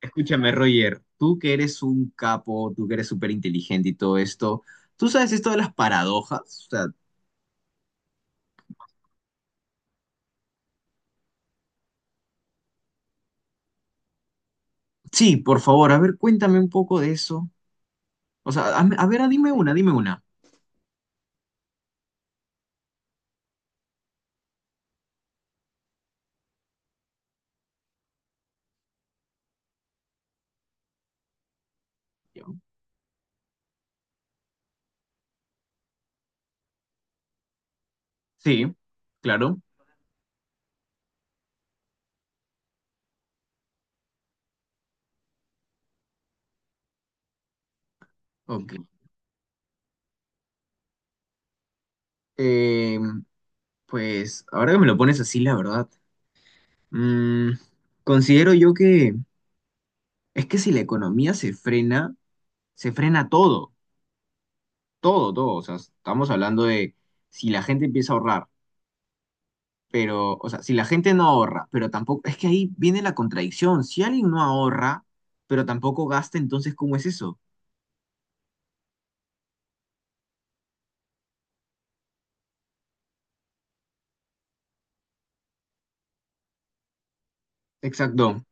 Escúchame, Roger, tú que eres un capo, tú que eres súper inteligente y todo esto, ¿tú sabes esto de las paradojas? O sea, sí, por favor, a ver, cuéntame un poco de eso. O sea, a ver, dime una, dime una. Yo. Sí, claro, ok. Eh, pues ahora que me lo pones así, la verdad, mm, considero yo que es que si la economía se frena todo, todo, todo. O sea, estamos hablando de si la gente empieza a ahorrar. Pero, o sea, si la gente no ahorra, pero tampoco, es que ahí viene la contradicción. Si alguien no ahorra, pero tampoco gasta, entonces, ¿cómo es eso? Exacto.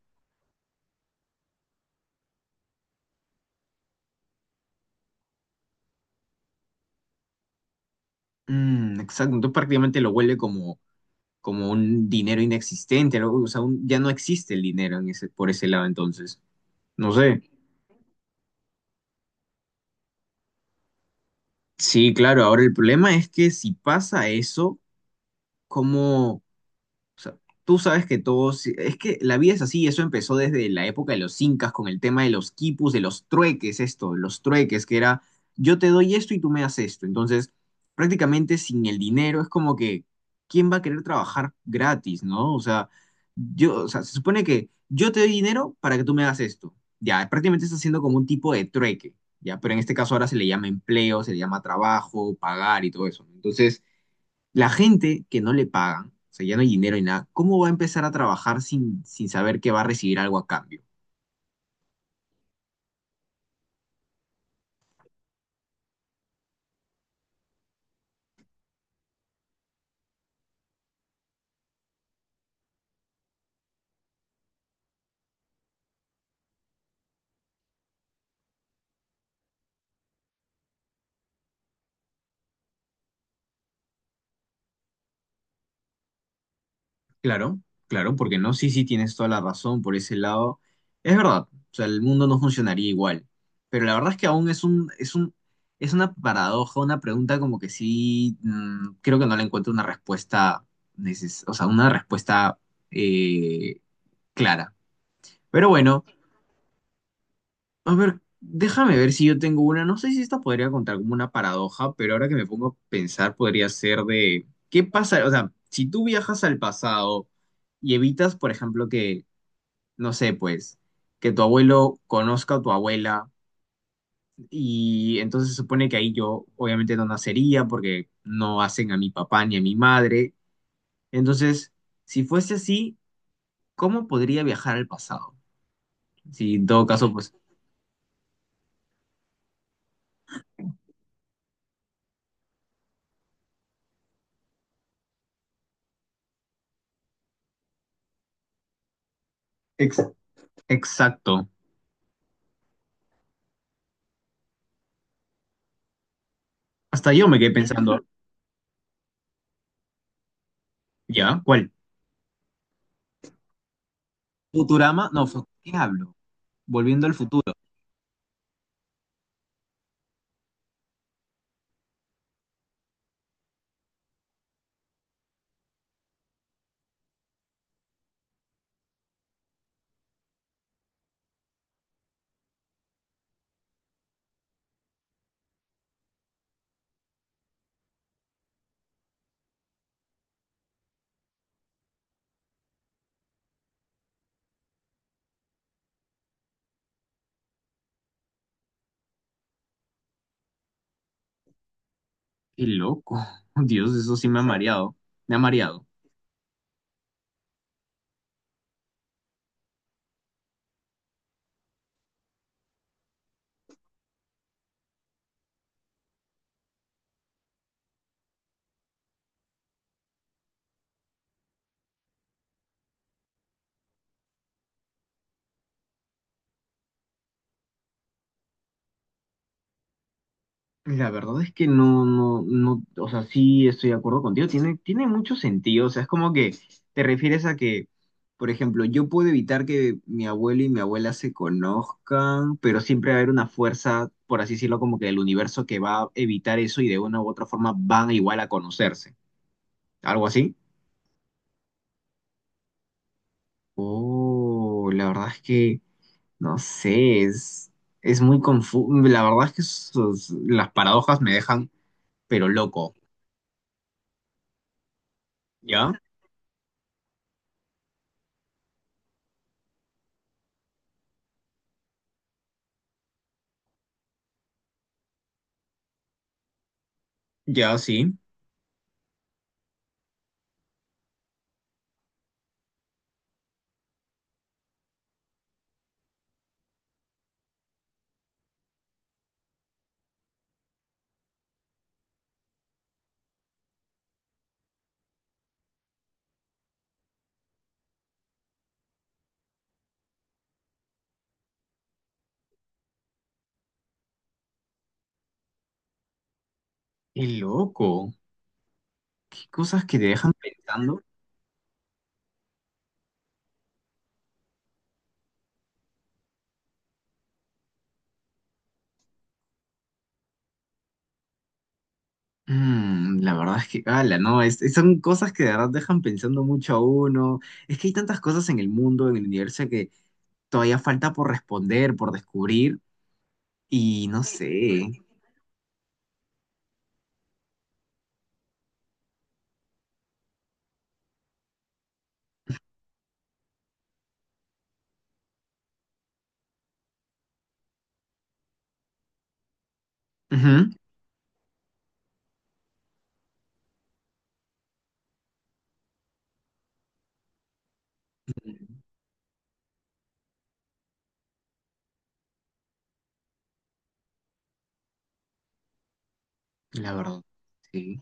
Mm, exacto. Entonces prácticamente lo vuelve como, como un dinero inexistente, ¿no? O sea, ya no existe el dinero en ese, por ese lado, entonces. No sé. Sí, claro. Ahora el problema es que si pasa eso, ¿cómo? O sea, tú sabes que todos, es que la vida es así, eso empezó desde la época de los incas con el tema de los quipus, de los trueques, esto, los trueques, que era yo te doy esto y tú me das esto. Entonces, prácticamente sin el dinero es como que, ¿quién va a querer trabajar gratis, no? O sea, yo, o sea, se supone que yo te doy dinero para que tú me das esto. Ya, prácticamente está haciendo como un tipo de trueque, ya, pero en este caso ahora se le llama empleo, se le llama trabajo, pagar y todo eso. ¿No? Entonces, la gente que no le pagan, o sea, ya no hay dinero y nada, ¿cómo va a empezar a trabajar sin, sin saber que va a recibir algo a cambio? Claro, claro, porque no, sí, sí, tienes toda la razón por ese lado. Es verdad, o sea, el mundo no funcionaría igual, pero la verdad es que aún es un, es una paradoja, una pregunta como que sí, mm, creo que no le encuentro una respuesta, o sea, una respuesta eh, clara. Pero bueno. A ver, déjame ver si yo tengo una. No sé si esta podría contar como una paradoja, pero ahora que me pongo a pensar, podría ser de qué pasa. O sea, si tú viajas al pasado y evitas, por ejemplo, que, no sé, pues, que tu abuelo conozca a tu abuela, y entonces se supone que ahí yo obviamente no nacería porque no hacen a mi papá ni a mi madre. Entonces, si fuese así, ¿cómo podría viajar al pasado? Si en todo caso, pues, ex- exacto. Hasta yo me quedé pensando. ¿Ya? ¿Cuál? Futurama, no, ¿qué hablo? Volviendo al futuro. Qué loco. Dios, eso sí me ha mareado. Me ha mareado. La verdad es que no, no, no, o sea, sí estoy de acuerdo contigo. Tiene, tiene mucho sentido. O sea, es como que te refieres a que, por ejemplo, yo puedo evitar que mi abuelo y mi abuela se conozcan, pero siempre va a haber una fuerza, por así decirlo, como que del universo que va a evitar eso y de una u otra forma van igual a conocerse. ¿Algo así? Oh, la verdad es que. No sé, es muy confuso. La verdad es que las paradojas me dejan, pero loco. ¿Ya? ¿Ya sí? Qué loco. ¿Qué cosas que te dejan pensando? Mm, la verdad es que, ala, no, son cosas que de verdad dejan pensando mucho a uno. Es que hay tantas cosas en el mundo, en el universo, que todavía falta por responder, por descubrir, y no sé. Ujú. La verdad, sí.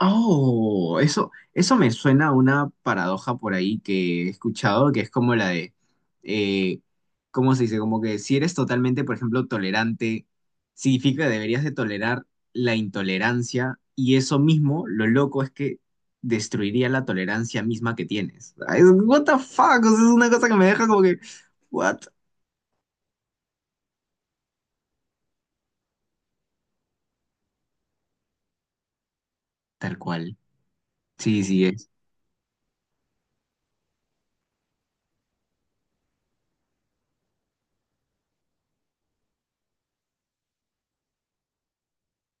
Oh, eso me suena a una paradoja por ahí que he escuchado, que es como la de, eh, ¿cómo se dice? Como que si eres totalmente, por ejemplo, tolerante, significa que deberías de tolerar la intolerancia y eso mismo, lo loco es que destruiría la tolerancia misma que tienes. Ay, what the fuck, o sea, es una cosa que me deja como que, ¿what? Tal cual. Sí, sí, es.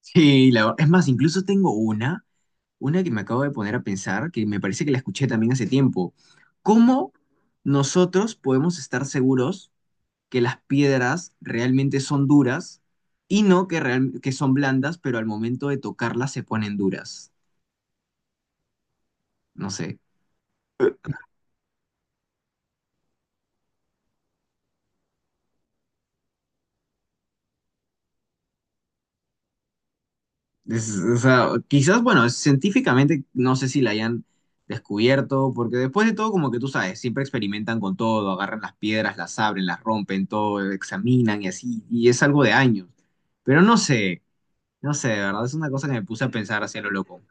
Sí, es más, incluso tengo una. Una que me acabo de poner a pensar, que me parece que la escuché también hace tiempo. ¿Cómo nosotros podemos estar seguros que las piedras realmente son duras y no que, que son blandas, pero al momento de tocarlas se ponen duras? No sé. O sea, quizás, bueno, científicamente no sé si la hayan descubierto, porque después de todo, como que tú sabes, siempre experimentan con todo, agarran las piedras, las abren, las rompen, todo, examinan y así, y es algo de años. Pero no sé. No sé, de verdad, es una cosa que me puse a pensar hacia lo loco.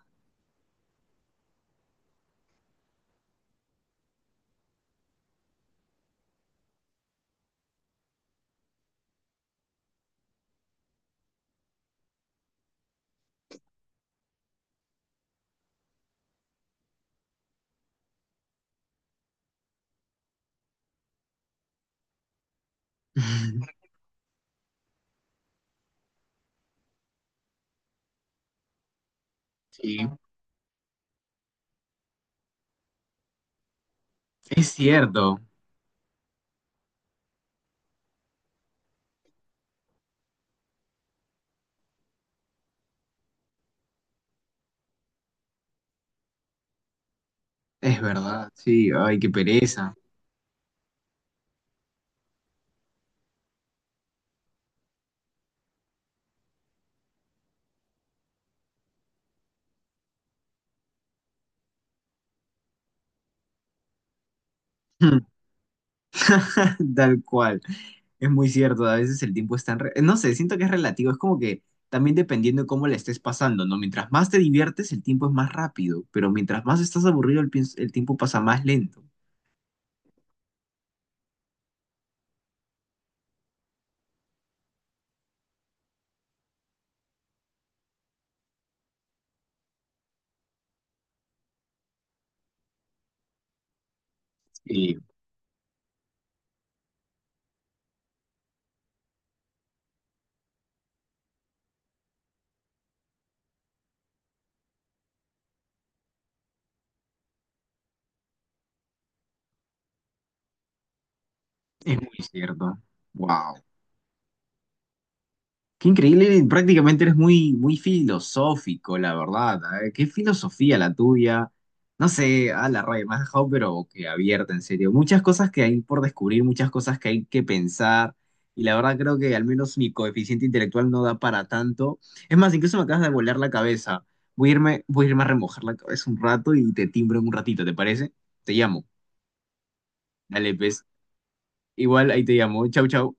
Sí, es cierto, es verdad, sí, ay, qué pereza. Tal cual, es muy cierto, a veces el tiempo es tan... No sé, siento que es relativo, es como que también dependiendo de cómo la estés pasando, ¿no? Mientras más te diviertes, el tiempo es más rápido, pero mientras más estás aburrido, el tiempo pasa más lento. Sí, es muy cierto. Wow. Qué increíble, prácticamente eres muy, muy filosófico, la verdad. A ver, qué filosofía la tuya. No sé, a la raya, me has dejado, pero que abierta, en serio. Muchas cosas que hay por descubrir, muchas cosas que hay que pensar. Y la verdad creo que al menos mi coeficiente intelectual no da para tanto. Es más, incluso me acabas de volar la cabeza. Voy a irme a remojar la cabeza un rato y te timbro en un ratito, ¿te parece? Te llamo. Dale, pues. Igual ahí te llamo. Chau, chau.